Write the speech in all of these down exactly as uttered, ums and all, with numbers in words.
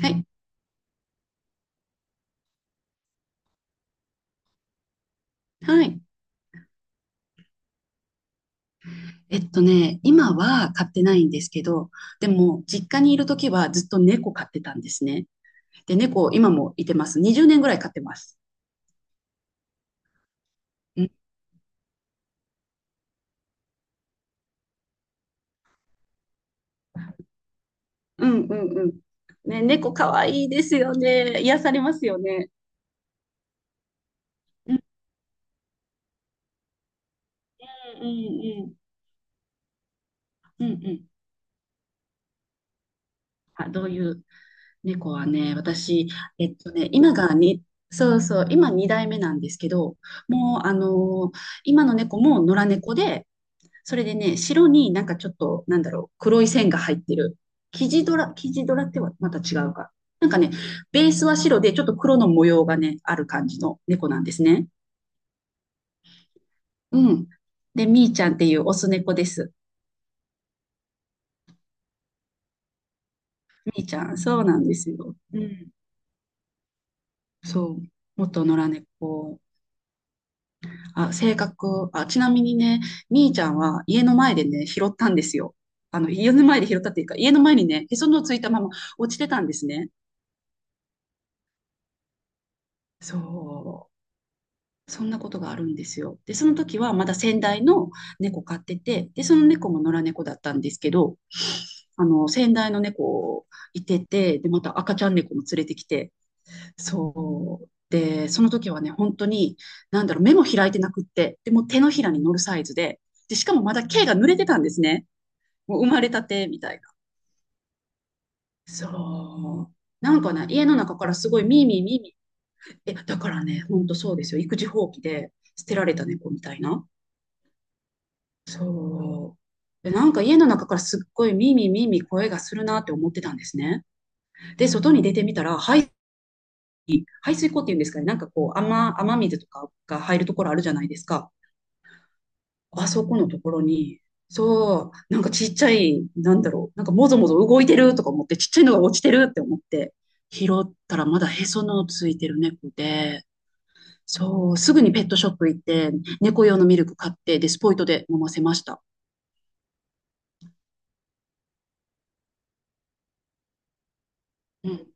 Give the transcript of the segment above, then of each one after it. はい。はい。えっとね、今は飼ってないんですけど、でも、実家にいるときはずっと猫飼ってたんですね。で、猫、今もいてます。にじゅうねんぐらい飼ってます。うん、うん、うん、うん。ね、猫かわいいですよね。癒されますよね。うん、うん、うん、うん、うん。あ、どういう猫はね、私、えっとね、今がに、そうそう、今にだいめ代目なんですけど、もう、あのー今の猫も野良猫で、それでね、白になんかちょっと、なんだろう、黒い線が入ってる。生地ドラ、生地ドラってはまた違うか。なんかね、ベースは白で、ちょっと黒の模様がね、ある感じの猫なんですね。うん。で、みーちゃんっていうオス猫です。みーちゃん、そうなんですよ。うん。そう。元野良猫。あ、性格。あ、ちなみにね、みーちゃんは家の前でね、拾ったんですよ。あの、家の前で拾ったっていうか、家の前にね、へその緒ついたまま落ちてたんですね。そう。そんなことがあるんですよ。で、その時はまだ先代の猫飼ってて、で、その猫も野良猫だったんですけど、あの、先代の猫いてて、で、また赤ちゃん猫も連れてきて、そう。で、その時はね、本当に、なんだろう、目も開いてなくって、でもう手のひらに乗るサイズで、で、しかもまだ毛が濡れてたんですね。もう生まれたてみたいな。そう。なんかね、家の中からすごいミーミーミーミー。え、だからね、ほんとそうですよ。育児放棄で捨てられた猫みたいな。そう。で、なんか家の中からすっごいミーミーミーミー声がするなって思ってたんですね。で、外に出てみたら、排水、排水溝っていうんですかね、なんかこう、雨、雨水とかが入るところあるじゃないですか。あそこのところに、そう、なんかちっちゃい、なんだろう、なんかもぞもぞ動いてるとか思って、ちっちゃいのが落ちてるって思って、拾ったらまだへそのついてる猫で、そう、すぐにペットショップ行って、猫用のミルク買って、で、スポイトで飲ませました。うん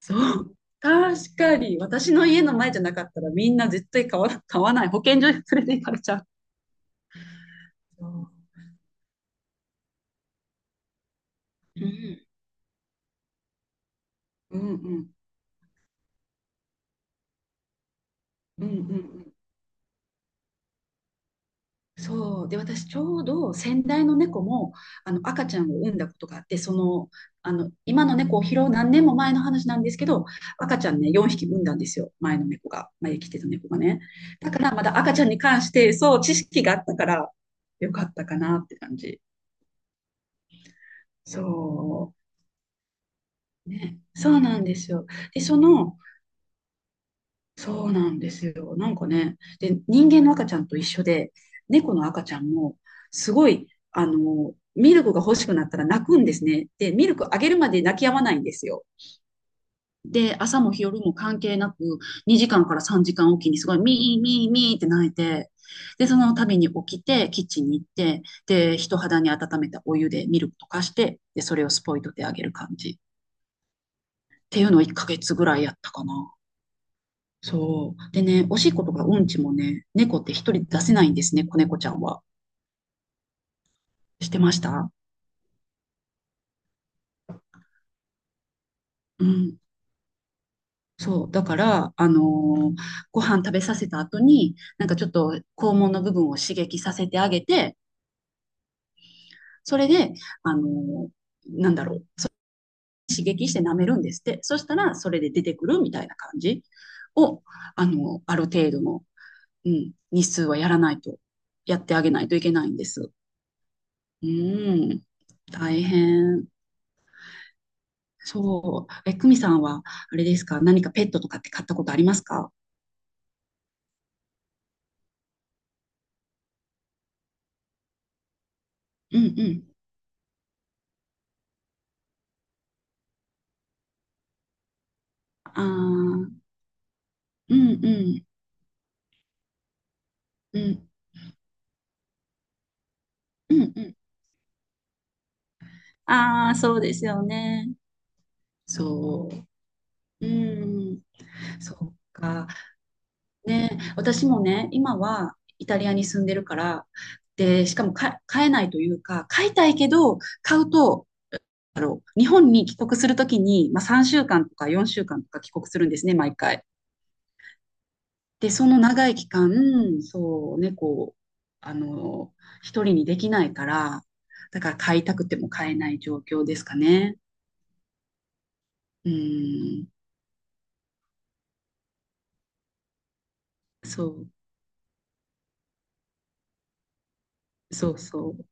そう。確かに。私の家の前じゃなかったらみんな絶対買わ、買わない。保健所に連れて行かれちゃう。そううん。うんうん。うんうんうん。そう。で、私ちょうど先代の猫も、あの、赤ちゃんを産んだことがあって、その、あの、今の猫を拾う何年も前の話なんですけど、赤ちゃんね、よんひき産んだんですよ。前の猫が、前にきてた猫がね。だからまだ赤ちゃんに関して、そう、知識があったから、よかったかなって感じ。そう。ね、そうなんですよ。で、その、そうなんですよ。なんかね、で、人間の赤ちゃんと一緒で、猫の赤ちゃんも、すごい、あの、ミルクが欲しくなったら泣くんですね。で、ミルクあげるまで泣き止まないんですよ。で、朝も夜も関係なく、にじかんからさんじかんおきにすごい、ミーミーミーって泣いて、で、その度に起きて、キッチンに行って、で、人肌に温めたお湯でミルク溶かして、で、それをスポイトであげる感じ。っていうのをいっかげつぐらいやったかな。そう。でね、おしっことかうんちもね、猫って一人出せないんですね、子猫ちゃんは。してましたうん。そう。だから、あのーご飯食べさせた後に、なんかちょっと肛門の部分を刺激させてあげて、それで、あのーなんだろう、刺激して舐めるんですって。そしたら、それで出てくるみたいな感じを、あのーある程度の、うん、日数はやらないと、やってあげないといけないんです。うん。大変。そう。え、久美さんは、あれですか何かペットとかって飼ったことありますか？うんうん。ああ、うんうんうん。うんうん。ああ、そうですよね。そう。うん。そうか。ね、私もね、今はイタリアに住んでるから、で、しかもか飼えないというか、飼いたいけど、飼うと、あの、日本に帰国するときに、まあ、さんしゅうかんとかよんしゅうかんとか帰国するんですね、毎回。で、その長い期間、そうね、猫を、あの、一人にできないから、だから飼いたくても飼えない状況ですかね。うん、そう、そうそう。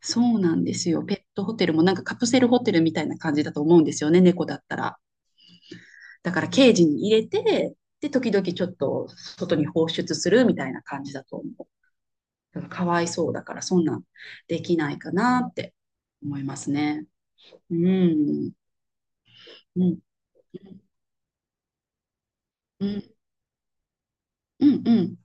そうなんですよ。ペットホテルもなんかカプセルホテルみたいな感じだと思うんですよね、猫だったら。だからケージに入れて、で、時々ちょっと外に放出するみたいな感じだと思う。だからかわいそうだから、そんなんできないかなって思いますね。うん、うん、うん。うんうん。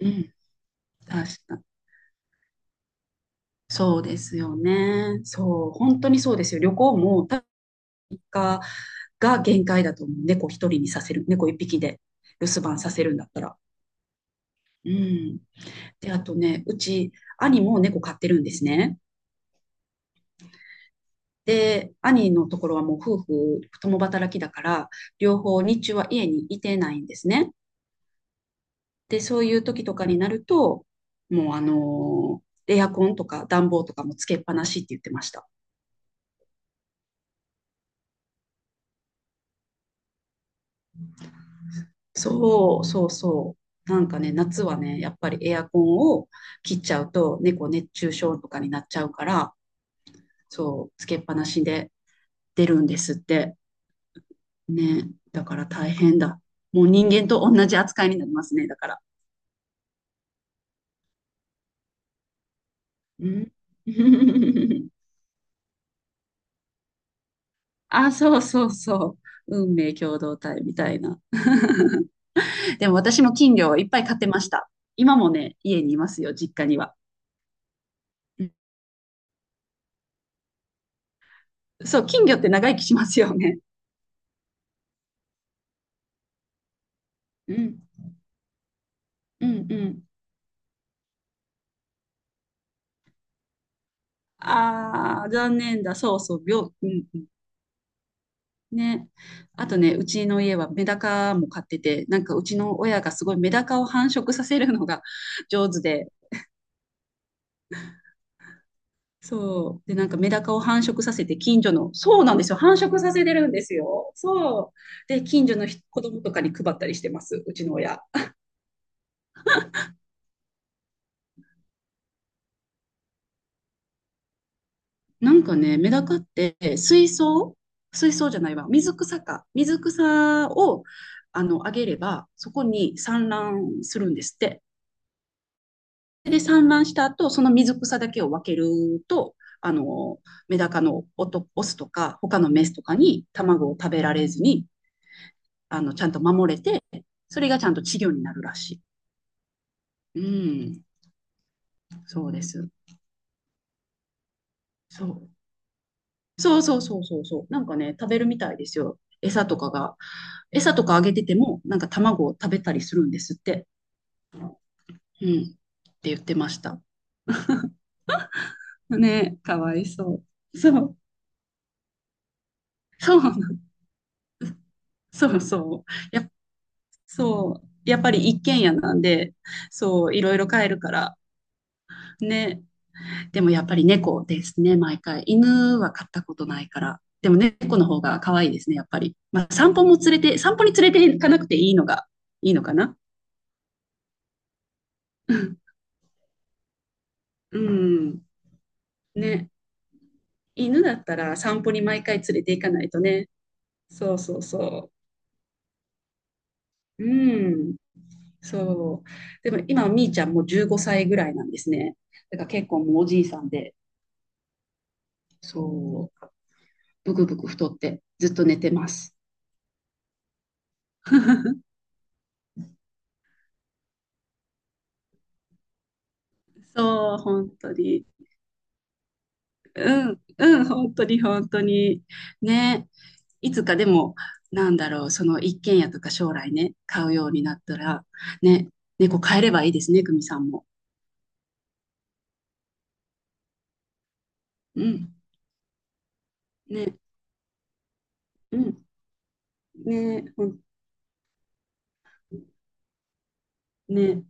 うん。確か。そうですよね。そう。本当にそうですよ。旅行も多分日が限界だと思う。猫一人にさせる。猫一匹で留守番させるんだったら。うん。で、あとね、うち、兄も猫飼ってるんですね。で、兄のところはもう夫婦共働きだから、両方日中は家にいてないんですね。で、そういう時とかになると、もうあのーエアコンとか暖房とかもつけっぱなしって言ってました。そう、そうそう。なんかね、夏はね、やっぱりエアコンを切っちゃうと、猫熱中症とかになっちゃうから、そう、つけっぱなしで出るんですって。ね、だから大変だ。もう人間と同じ扱いになりますね、だから。うん。あ、そうそうそう。運命共同体みたいな。でも私も金魚をいっぱい飼ってました。今もね、家にいますよ、実家には。うんそう、金魚って長生きしますよね。うんうんうん。ああ、残念だ。そうそう、病、うん、ね。あとね、うちの家はメダカも飼ってて、なんかうちの親がすごいメダカを繁殖させるのが 上手で、そう。で、なんかメダカを繁殖させて近所の、そうなんですよ。繁殖させてるんですよ。そう。で、近所の人子供とかに配ったりしてます、うちの親。なんかね、メダカって水槽水槽じゃないわ。水草か。水草を、あの、あげれば、そこに産卵するんですって。で産卵した後、その水草だけを分けると、あの、メダカのオトオスとか、他のメスとかに卵を食べられずに、あの、ちゃんと守れて、それがちゃんと稚魚になるらしい。うん、そうです。そう。そうそうそうそうそう。なんかね、食べるみたいですよ。餌とかが。餌とかあげてても、なんか卵を食べたりするんですって。うん。って言ってました。ね、かわいそう。そう。そうなの。そうそう。やっぱそう。やっぱり一軒家なんで、そう、いろいろ飼えるから。ね。でもやっぱり猫ですね、毎回。犬は飼ったことないから。でも猫の方が可愛いですね、やっぱり。まあ、散歩も連れて、散歩に連れて行かなくていいのが、いいのかな。うんうん。ね。犬だったら散歩に毎回連れて行かないとね。そうそうそう。うん。そう。でも今、みーちゃんもじゅうごさいぐらいなんですね。だから結構もうおじいさんで。そう。ブクブク太ってずっと寝てます。そう、本当に。うん、うん、本当に、本当に。ね。いつかでも、なんだろう、その一軒家とか将来ね、買うようになったら、ね、猫買えればいいですね、久美さんも。うん、ね、うん、ね、ほん、ね。